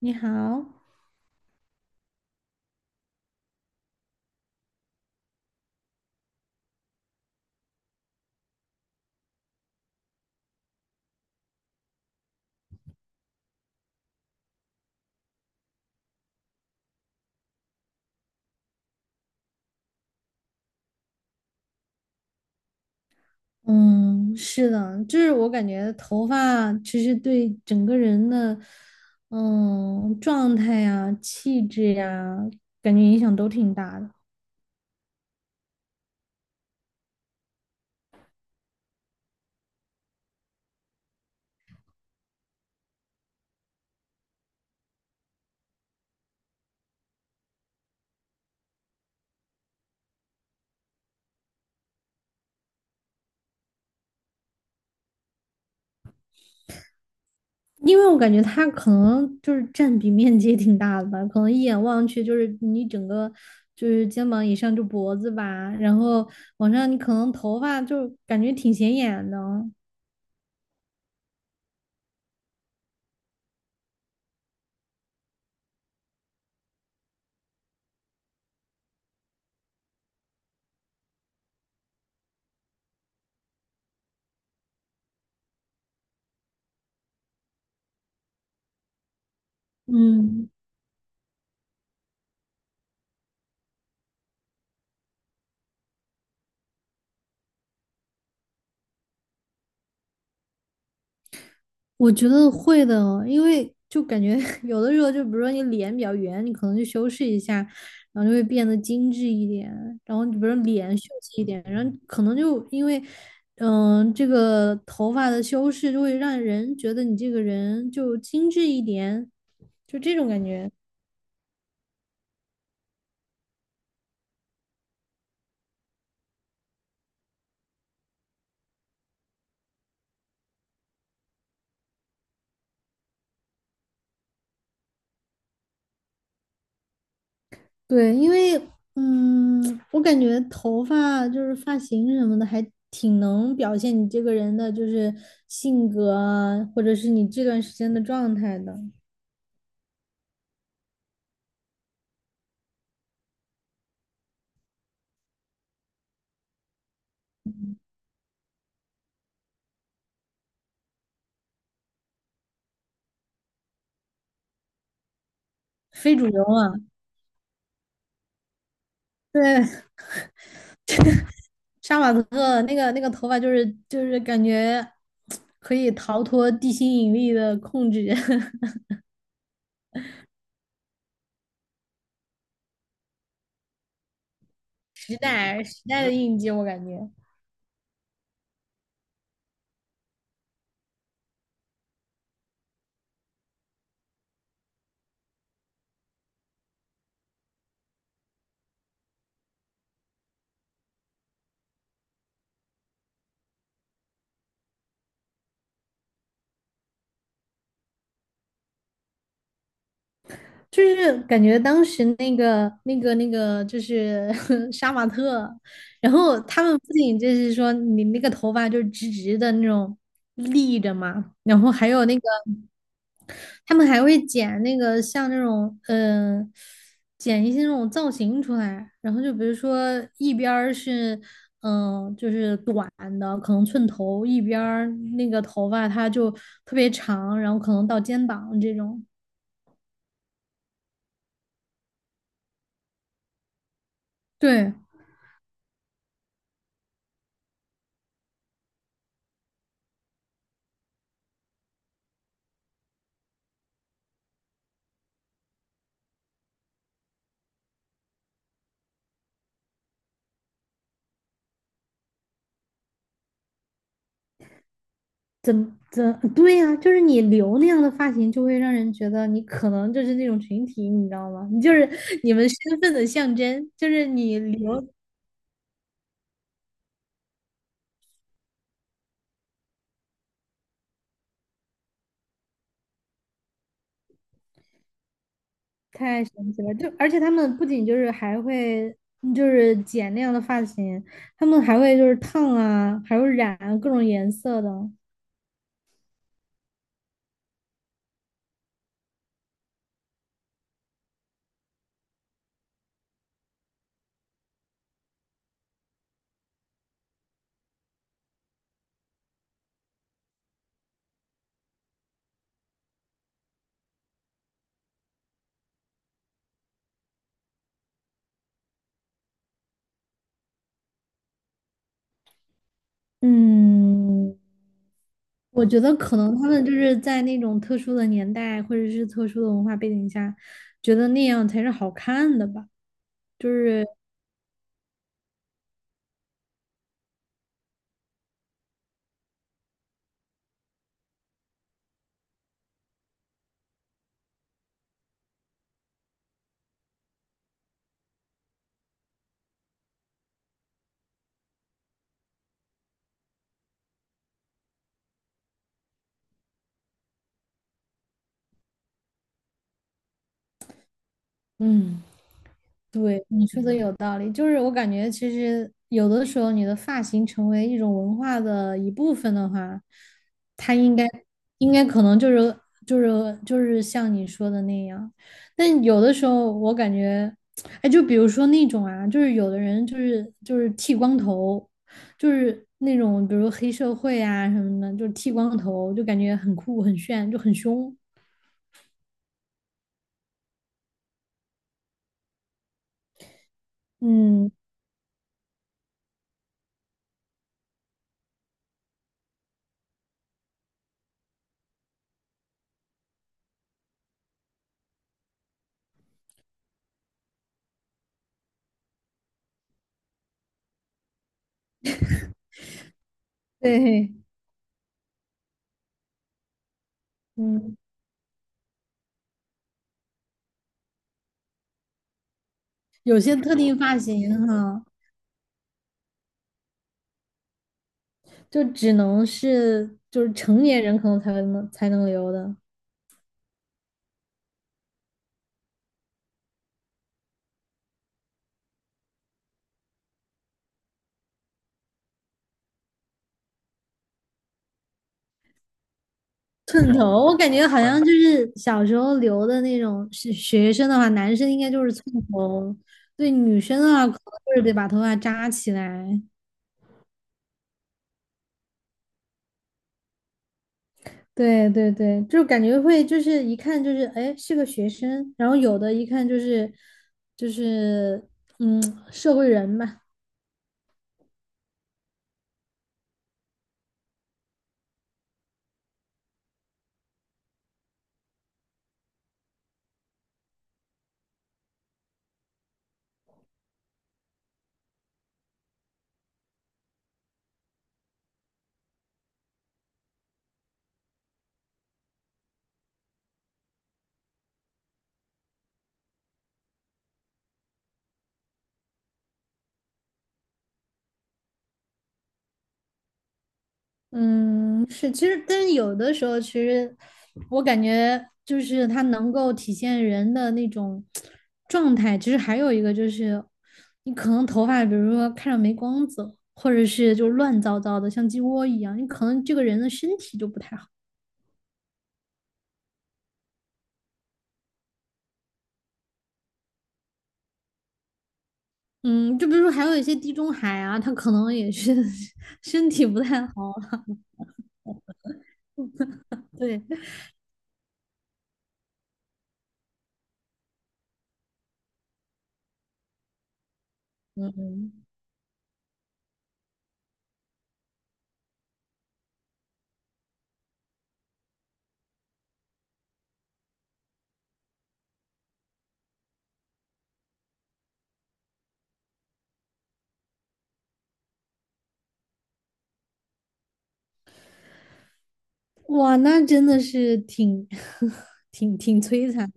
你好。嗯，是的，就是我感觉头发其实对整个人的，嗯，状态呀、气质呀，感觉影响都挺大的。因为我感觉它可能就是占比面积也挺大的吧，可能一眼望去就是你整个就是肩膀以上就脖子吧，然后往上你可能头发就感觉挺显眼的。嗯，我觉得会的哦，因为就感觉 有的时候，就比如说你脸比较圆，你可能就修饰一下，然后就会变得精致一点。然后你比如说脸秀气一点，然后可能就因为，这个头发的修饰就会让人觉得你这个人就精致一点，就这种感觉。对，因为，嗯，我感觉头发就是发型什么的，还挺能表现你这个人的，就是性格啊，或者是你这段时间的状态的。非主流啊，对，杀马特那个头发，就是感觉可以逃脱地心引力的控制。时代时代的印记，我感觉。就是感觉当时就是 杀马特，然后他们不仅就是说你那个头发就是直直的那种立着嘛，然后还有那个，他们还会剪那个像那种剪一些那种造型出来，然后就比如说一边儿是就是短的，可能寸头，一边儿那个头发它就特别长，然后可能到肩膀这种。对。对呀，啊，就是你留那样的发型，就会让人觉得你可能就是那种群体，你知道吗？你就是你们身份的象征，就是你留太神奇了。就而且他们不仅就是还会就是剪那样的发型，他们还会就是烫啊，还会染啊各种颜色的。嗯，我觉得可能他们就是在那种特殊的年代或者是特殊的文化背景下，觉得那样才是好看的吧。就是对，你说的有道理，就是我感觉其实有的时候你的发型成为一种文化的一部分的话，它应该可能就是就是像你说的那样，但有的时候我感觉，哎，就比如说那种啊，就是有的人就是剃光头，就是那种比如黑社会啊什么的，就是剃光头，就感觉很酷很炫，就很凶。嗯，对，嗯，有些特定发型哈。就只能是就是成年人可能才能留的寸头。哦，我感觉好像就是小时候留的那种是学生的话，男生应该就是寸头。对，女生的话可能就是得把头发扎起来。对对对，就感觉会就是一看就是哎是个学生，然后有的一看就是，就是，嗯，社会人吧。嗯，是，其实，但是有的时候，其实我感觉就是它能够体现人的那种状态。其实还有一个就是，你可能头发，比如说看着没光泽，或者是就乱糟糟的，像鸡窝一样，你可能这个人的身体就不太好。嗯，就比如说还有一些地中海啊，他可能也是 身体不太好。对。嗯，嗯，哇，那真的是挺 挺挺摧残。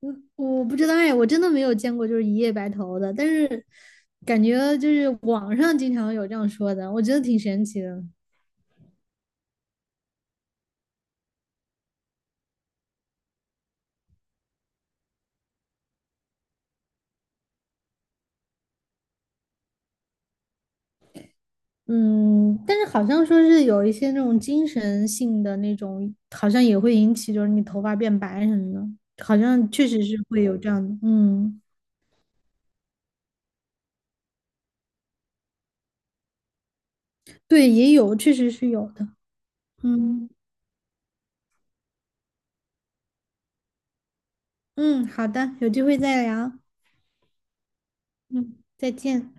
嗯，我不知道哎，我真的没有见过就是一夜白头的，但是感觉就是网上经常有这样说的，我觉得挺神奇的。嗯，但是好像说是有一些那种精神性的那种，好像也会引起就是你头发变白什么的，好像确实是会有这样的。嗯，对，也有，确实是有的。嗯。嗯，好的，有机会再聊。嗯，再见。